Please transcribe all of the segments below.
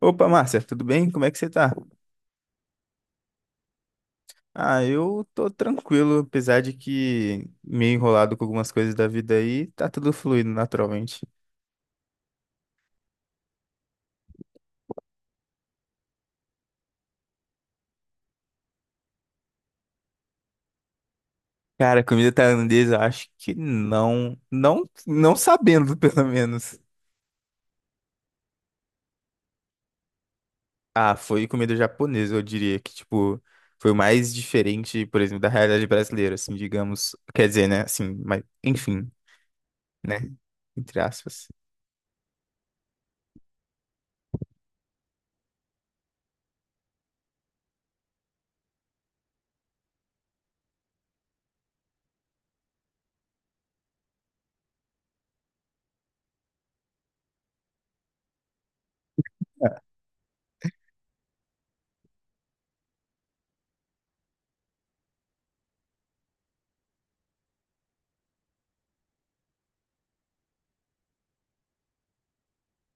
Opa, Márcia, tudo bem? Como é que você tá? Ah, eu tô tranquilo, apesar de que meio enrolado com algumas coisas da vida aí, tá tudo fluindo naturalmente. Cara, comida tailandesa, eu acho que não sabendo, pelo menos. Ah, foi comida japonesa, eu diria que, tipo, foi o mais diferente, por exemplo, da realidade brasileira, assim, digamos. Quer dizer, né, assim, mas, enfim, né, entre aspas.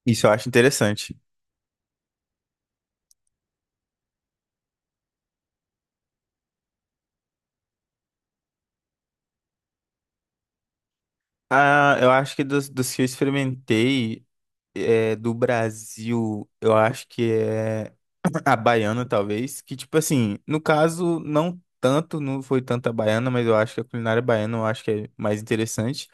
Isso eu acho interessante. Ah, eu acho que dos que eu experimentei, do Brasil, eu acho que é a baiana, talvez. Que, tipo assim, no caso, não tanto, não foi tanto a baiana, mas eu acho que a culinária baiana eu acho que é mais interessante.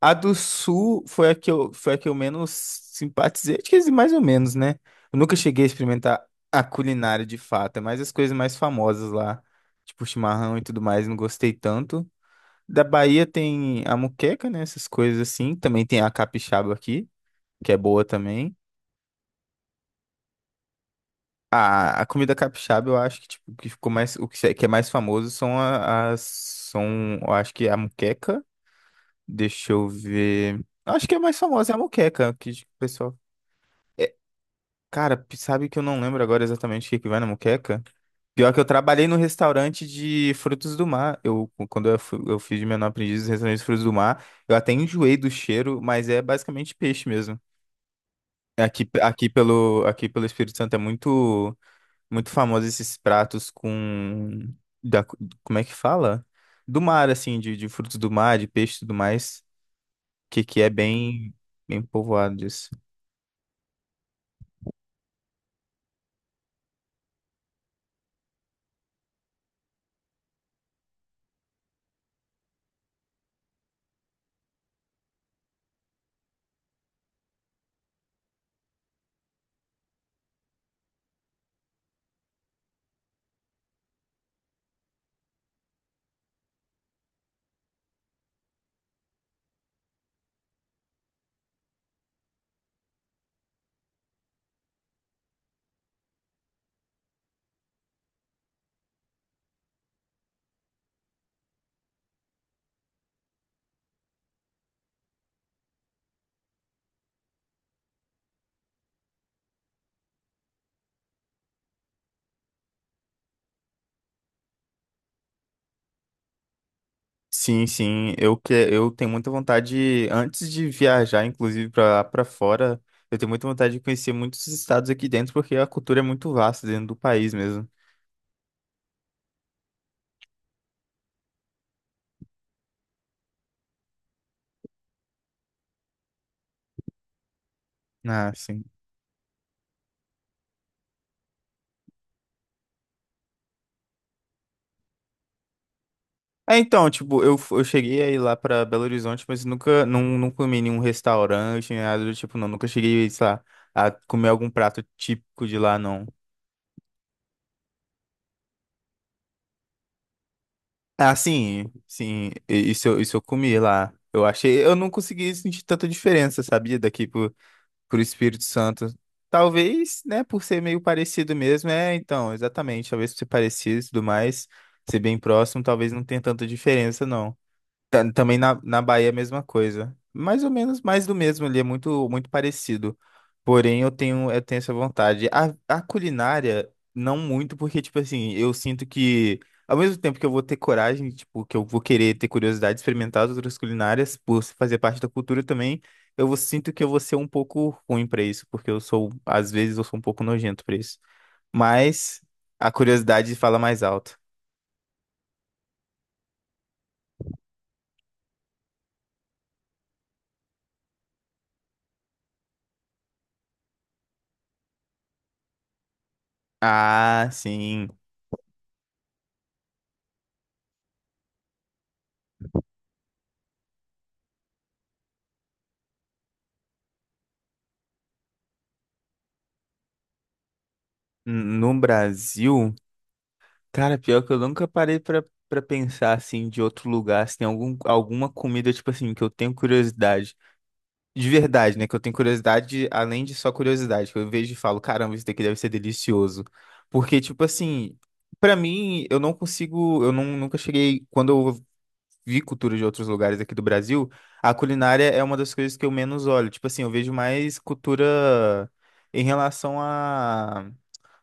A do Sul foi foi a que eu menos simpatizei, acho que é mais ou menos, né? Eu nunca cheguei a experimentar a culinária de fato, é mais as coisas mais famosas lá, tipo chimarrão e tudo mais, não gostei tanto. Da Bahia tem a muqueca, né? Essas coisas assim. Também tem a capixaba aqui, que é boa também. A comida capixaba, eu acho que, tipo, que ficou mais, o que se- que é mais famoso são a- as, são, eu acho que é a moqueca, deixa eu ver, eu acho que a mais famosa é a moqueca, que o pessoal, é, cara, sabe que eu não lembro agora exatamente o que que vai na moqueca? Pior que eu trabalhei no restaurante de frutos do mar, eu, quando eu, fui- eu fiz de menor aprendiz no restaurante de frutos do mar, eu até enjoei do cheiro, mas é basicamente peixe mesmo. Aqui pelo Espírito Santo é muito. Muito famosos esses pratos com. Da... Como é que fala? Do mar, assim, de frutos do mar, de peixe e tudo mais. Que é bem, bem povoado disso. Sim, sim. Eu tenho muita vontade, antes de viajar, inclusive, para lá para fora, eu tenho muita vontade de conhecer muitos estados aqui dentro, porque a cultura é muito vasta dentro do país mesmo. Ah, sim. É, então, tipo, eu cheguei aí lá pra Belo Horizonte, mas nunca, não comi em nenhum restaurante, nem nada do tipo, não. Nunca cheguei, sei lá, a comer algum prato típico de lá, não. Ah, sim, sim, isso, isso eu comi lá. Eu achei, eu não consegui sentir tanta diferença, sabia? Pro Espírito Santo. Talvez, né, por ser meio parecido mesmo, é, então, exatamente, talvez por ser parecido e tudo mais, ser bem próximo, talvez não tenha tanta diferença, não. Também na Bahia, é a mesma coisa. Mais ou menos mais do mesmo ali, é muito, muito parecido. Porém, eu tenho essa vontade. A culinária, não muito, porque, tipo assim, eu sinto que, ao mesmo tempo que eu vou ter coragem, tipo, que eu vou querer ter curiosidade de experimentar as outras culinárias, por fazer parte da cultura também, sinto que eu vou ser um pouco ruim pra isso, porque eu sou, às vezes, eu sou um pouco nojento pra isso. Mas a curiosidade fala mais alto. Ah, sim. No Brasil. Cara, pior que eu nunca parei pra pensar assim de outro lugar, se tem algum, alguma comida, tipo assim, que eu tenho curiosidade. De verdade, né? Que eu tenho curiosidade, além de só curiosidade, que eu vejo e falo, caramba, isso daqui deve ser delicioso. Porque, tipo assim, pra mim, eu não consigo, eu não, nunca cheguei, quando eu vi cultura de outros lugares aqui do Brasil, a culinária é uma das coisas que eu menos olho. Tipo assim, eu vejo mais cultura em relação a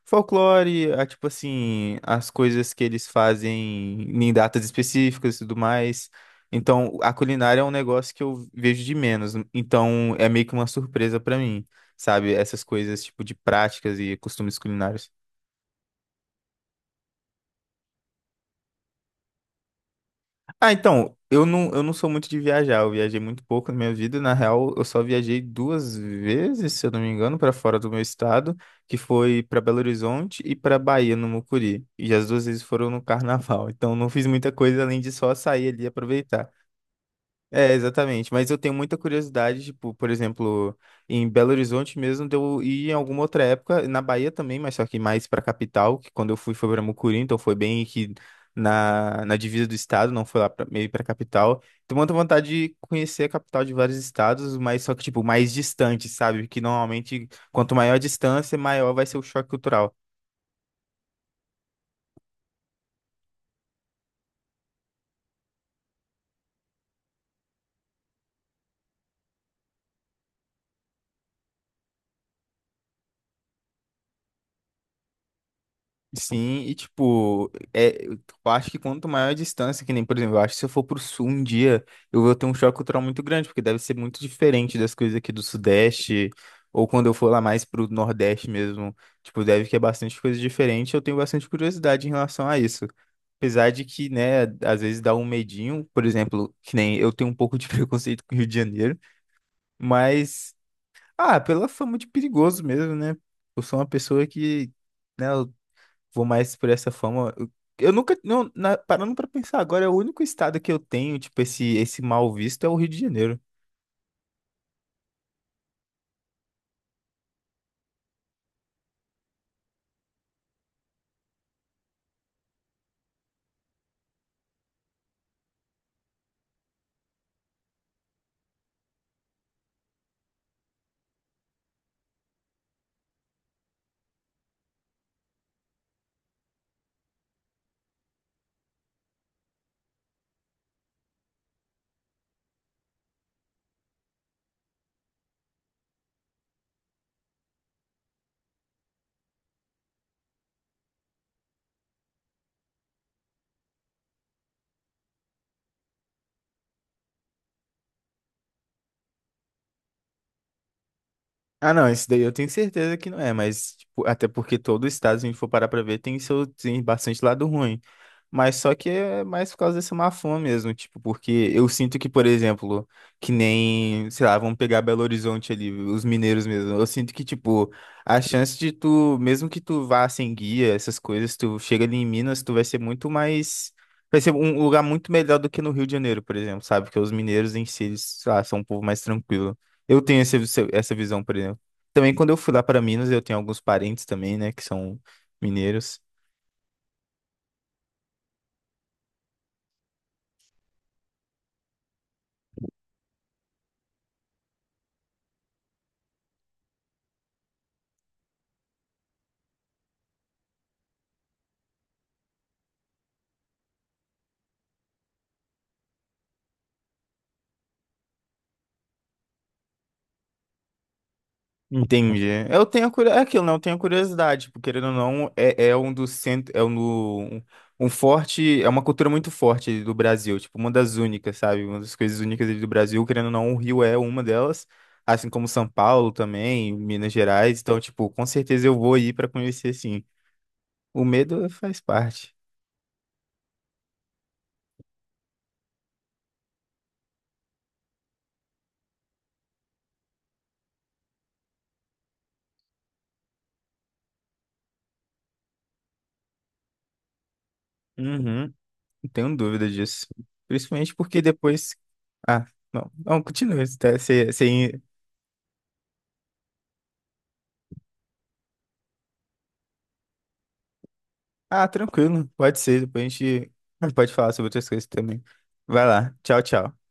folclore, a, tipo assim, as coisas que eles fazem em datas específicas e tudo mais. Então, a culinária é um negócio que eu vejo de menos. Então, é meio que uma surpresa pra mim, sabe? Essas coisas, tipo, de práticas e costumes culinários. Ah, então, eu não sou muito de viajar, eu viajei muito pouco na minha vida, na real, eu só viajei duas vezes, se eu não me engano, para fora do meu estado, que foi para Belo Horizonte e para Bahia, no Mucuri, e as duas vezes foram no carnaval, então não fiz muita coisa além de só sair ali e aproveitar. É, exatamente. Mas eu tenho muita curiosidade, tipo, por exemplo, em Belo Horizonte mesmo, de eu ir em alguma outra época, na Bahia também, mas só que mais pra capital, que quando eu fui foi pra Mucuri, então foi bem que na divisa do estado, não foi lá pra, meio pra capital. Tenho muita vontade de conhecer a capital de vários estados, mas só que, tipo, mais distante, sabe? Que normalmente, quanto maior a distância, maior vai ser o choque cultural. Sim, e tipo, é, eu acho que quanto maior a distância, que nem, por exemplo, eu acho que se eu for pro sul um dia, eu vou ter um choque cultural muito grande, porque deve ser muito diferente das coisas aqui do Sudeste, ou quando eu for lá mais pro Nordeste mesmo, tipo, deve que é bastante coisa diferente, eu tenho bastante curiosidade em relação a isso. Apesar de que, né, às vezes dá um medinho, por exemplo, que nem eu tenho um pouco de preconceito com o Rio de Janeiro, mas, ah, pela fama de perigoso mesmo, né? Eu sou uma pessoa que né? Vou mais por essa forma. Eu nunca, não, parando pra pensar agora, é o único estado que eu tenho, tipo, esse mal visto é o Rio de Janeiro. Ah, não, esse daí eu tenho certeza que não é, mas tipo, até porque todo estado, se a gente for parar pra ver, tem seu tem bastante lado ruim. Mas só que é mais por causa dessa má fama mesmo, tipo, porque eu sinto que, por exemplo, que nem, sei lá, vamos pegar Belo Horizonte ali, os mineiros mesmo. Eu sinto que, tipo, a chance de tu, mesmo que tu vá sem guia, essas coisas, tu chega ali em Minas, tu vai ser muito mais. Vai ser um lugar muito melhor do que no Rio de Janeiro, por exemplo, sabe? Porque os mineiros em si, eles, sei lá, são um povo mais tranquilo. Eu tenho essa visão, por exemplo. Também quando eu fui lá para Minas, eu tenho alguns parentes também, né, que são mineiros. Entendi. Eu tenho a curiosidade, é aquilo, não, eu tenho a curiosidade, porque querendo ou não, é um dos centros, um forte, é uma cultura muito forte ali do Brasil, tipo, uma das únicas, sabe? Uma das coisas únicas ali do Brasil, querendo ou não, o Rio é uma delas, assim como São Paulo também, Minas Gerais, então, tipo, com certeza eu vou ir para conhecer, sim. O medo faz parte. Uhum. Não tenho dúvida disso. Principalmente porque depois. Ah, não. Não, continua. Tá, você, ah, tranquilo. Pode ser. Depois a gente pode falar sobre outras coisas também. Vai lá. Tchau, tchau.